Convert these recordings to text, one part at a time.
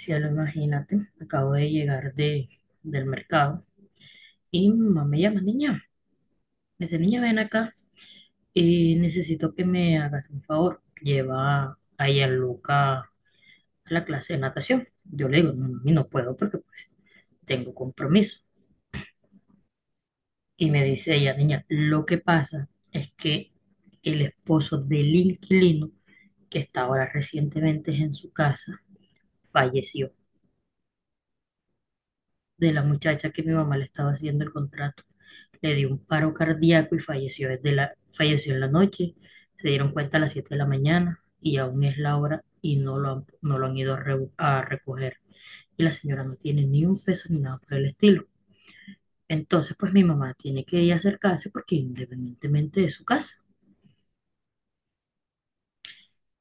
Si ya lo imagínate, acabo de llegar del mercado y mi mamá me llama, niña, me dice, niña, ven acá y necesito que me hagas un favor. Lleva a Luca a la clase de natación. Yo le digo, no, mami, no puedo porque tengo compromiso. Y me dice ella, niña, lo que pasa es que el esposo del inquilino, que está ahora recientemente en su casa, falleció, de la muchacha que mi mamá le estaba haciendo el contrato. Le dio un paro cardíaco y falleció falleció en la noche. Se dieron cuenta a las 7 de la mañana y aún es la hora y no lo han ido a, a recoger. Y la señora no tiene ni un peso ni nada por el estilo. Entonces, pues mi mamá tiene que ir a acercarse porque independientemente de su casa.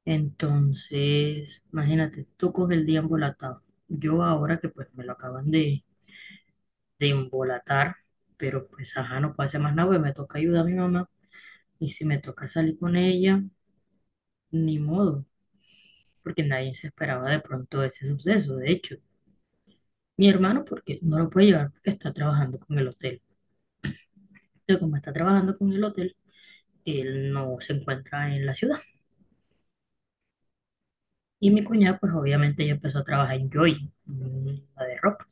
Entonces, imagínate, tú con el día embolatado. Yo ahora que pues me lo de embolatar, pero pues ajá, no puedo hacer más nada, pues me toca ayudar a mi mamá. Y si me toca salir con ella, ni modo, porque nadie se esperaba de pronto ese suceso. De hecho, mi hermano, porque no lo puede llevar porque está trabajando con el hotel. Entonces, como está trabajando con el hotel, él no se encuentra en la ciudad. Y mi cuñada, pues obviamente ella empezó a trabajar en Joy, en la de ropa.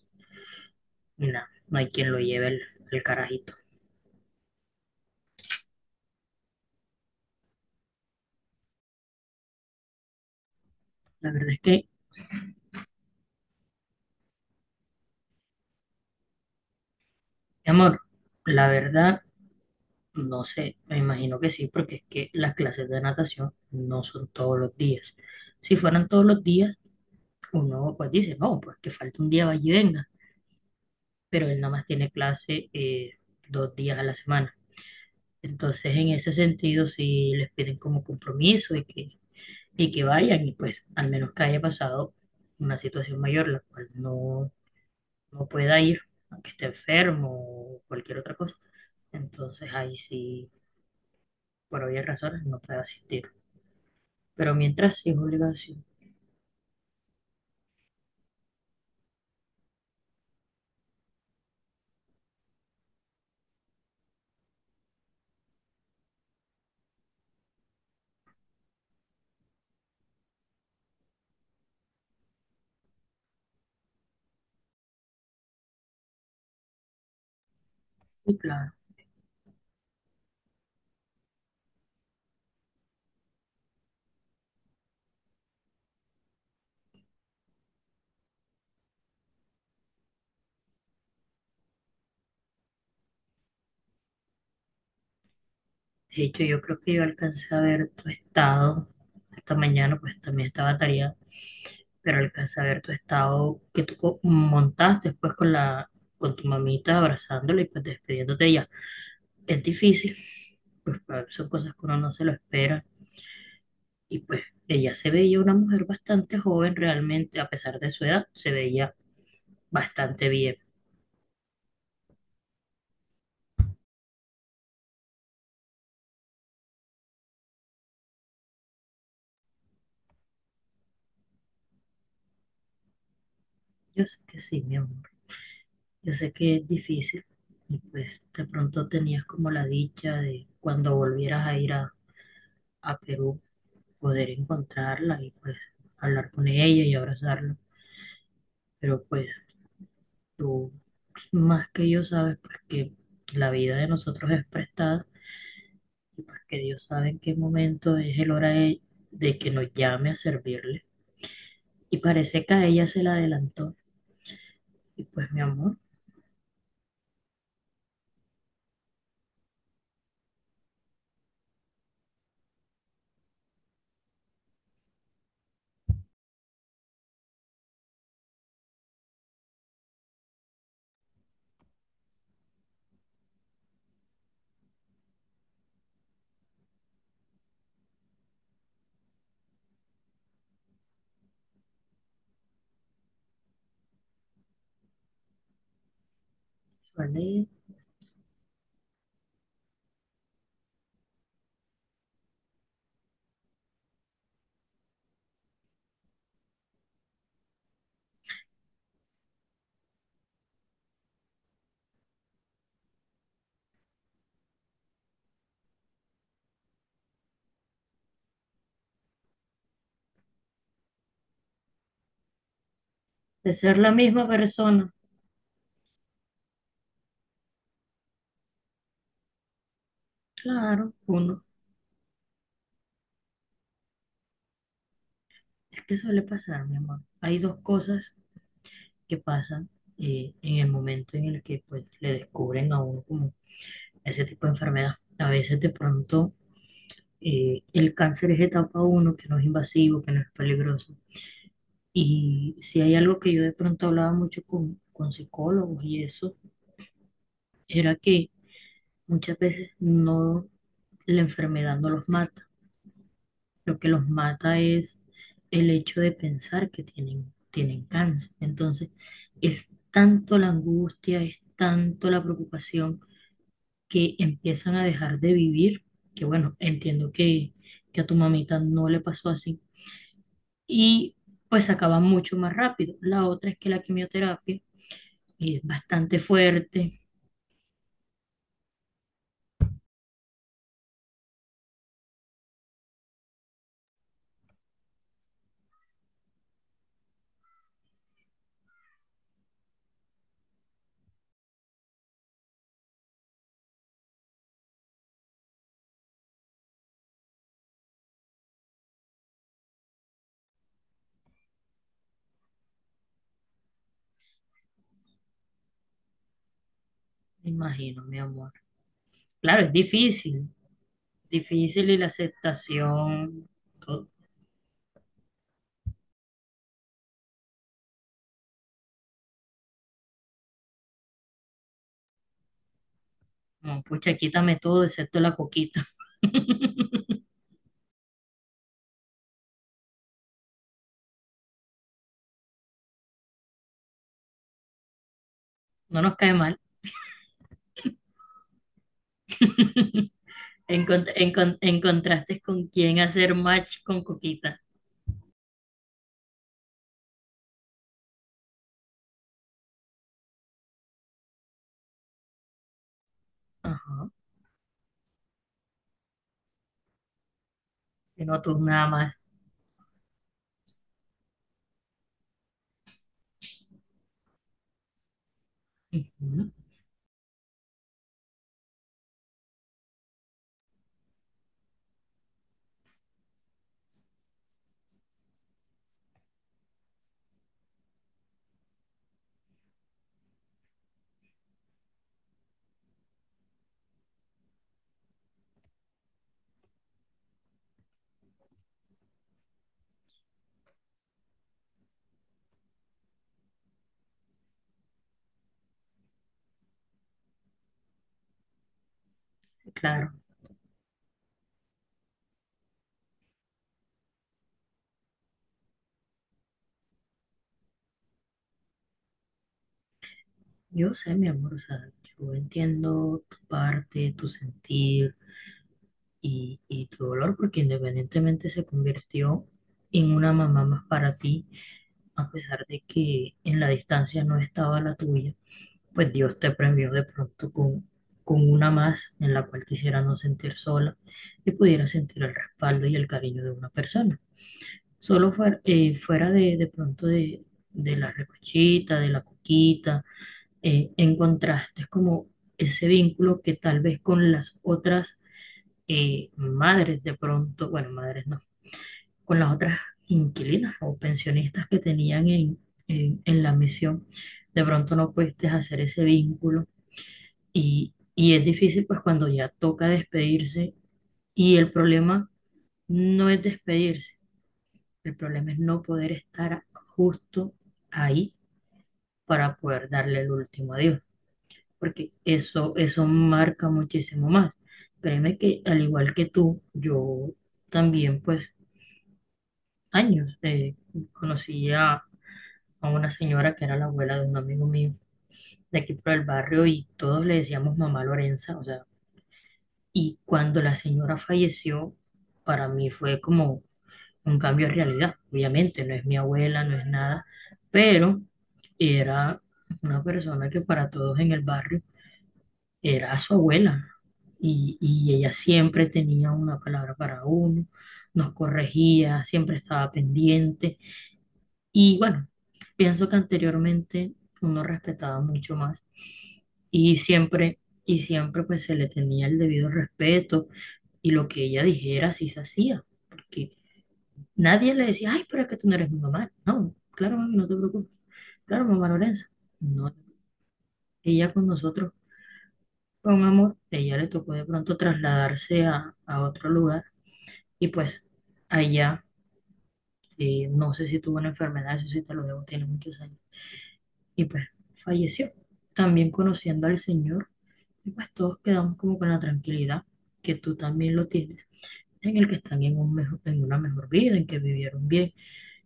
Y nada, no hay quien lo el carajito. La verdad es que, mi amor, la verdad, no sé, me imagino que sí, porque es que las clases de natación no son todos los días. Si fueran todos los días, uno pues dice, no, pues que falta un día, vaya y venga, pero él nada más tiene clase dos días a la semana. Entonces, en ese sentido, si les piden como compromiso y que vayan, y pues al menos que haya pasado una situación mayor, la cual no, no pueda ir, aunque esté enfermo o cualquier otra cosa. Entonces, ahí sí, por obvias razones, no puede asistir. Pero mientras sí es obligación, y claro. De hecho, yo creo que yo alcancé a ver tu estado esta mañana, pues también estaba tarea, pero alcancé a ver tu estado que montaste después con tu mamita abrazándola y pues despidiéndote de ella. Es difícil, pues son cosas que uno no se lo espera y pues ella se veía una mujer bastante joven realmente, a pesar de su edad, se veía bastante bien. Yo sé que sí, mi amor, yo sé que es difícil y pues de pronto tenías como la dicha de cuando volvieras a a Perú, poder encontrarla y pues hablar con ella y abrazarla, pero pues tú más que yo sabes pues que la vida de nosotros es prestada y pues que Dios sabe en qué momento es el de que nos llame a servirle. Y parece que a ella se la adelantó. Y pues mi amor, suele de ser la misma persona. Claro, uno, es que suele pasar, mi amor. Hay dos cosas que pasan en el momento en el que pues le descubren a uno como ese tipo de enfermedad. A veces de pronto el cáncer es etapa uno que no es invasivo, que no es peligroso. Y si hay algo que yo de pronto hablaba mucho con psicólogos y eso, era que muchas veces no, la enfermedad no los mata. Lo que los mata es el hecho de pensar que tienen cáncer. Entonces, es tanto la angustia, es tanto la preocupación que empiezan a dejar de vivir, que bueno, entiendo que a tu mamita no le pasó así, y pues acaba mucho más rápido. La otra es que la quimioterapia es bastante fuerte, me imagino, mi amor. Claro, es difícil, difícil y la aceptación, todo. No, pucha, quítame todo excepto la coquita. No nos cae mal. En contraste con quién hacer match con coquita. Ajá, que no tú nada más. Ujú, sí, claro, yo sé, mi amor, o sea, yo entiendo tu parte, tu sentir y tu dolor, porque independientemente se convirtió en una mamá más para ti, a pesar de que en la distancia no estaba la tuya, pues Dios te premió de pronto con una más en la cual quisiera no sentir sola y pudiera sentir el respaldo y el cariño de una persona. Solo fuera, fuera de pronto, de de la recochita, de la coquita, encontraste como ese vínculo que tal vez con las otras, madres de pronto, bueno, madres no, con las otras inquilinas o pensionistas que tenían en la misión, de pronto no pudiste hacer ese vínculo y es difícil pues cuando ya toca despedirse, y el problema no es despedirse, el problema es no poder estar justo ahí para poder darle el último adiós, porque eso marca muchísimo más. Créeme que al igual que tú, yo también pues años conocí a una señora que era la abuela de un amigo mío de aquí por el barrio y todos le decíamos mamá Lorenza, o sea, y cuando la señora falleció, para mí fue como un cambio de realidad, obviamente, no es mi abuela, no es nada, pero era una persona que para todos en el barrio era su abuela y ella siempre tenía una palabra para uno, nos corregía, siempre estaba pendiente. Y bueno, pienso que anteriormente uno respetaba mucho más y siempre pues se le tenía el debido respeto y lo que ella dijera sí se hacía, porque nadie le decía, ay, pero es que tú no eres mi mamá. No, claro, mami, no te preocupes. Claro, mamá Lorenza. No, ella con nosotros fue un amor, ella le tocó de pronto trasladarse a otro lugar y pues allá, no sé si tuvo una enfermedad, eso sí te lo debo, tiene muchos años y pues falleció. También conociendo al Señor, y pues todos quedamos como con la tranquilidad que tú también lo tienes, en el que están un en una mejor vida, en que vivieron bien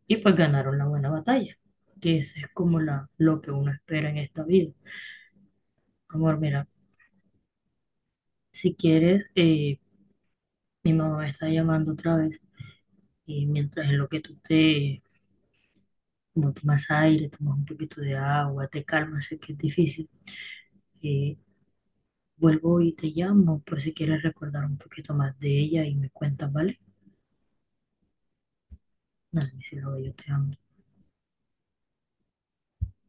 y pues ganaron la buena batalla, que eso es como la, lo que uno espera en esta vida. Amor, mira, si quieres, mi mamá me está llamando otra vez y mientras en lo que tú te, como tomas aire, tomas un poquito de agua, te calmas, sé que es difícil. eh, Vuelvo y te llamo por si quieres recordar un poquito más de ella y me cuentas, ¿vale? Nada, mi cielo, yo te amo.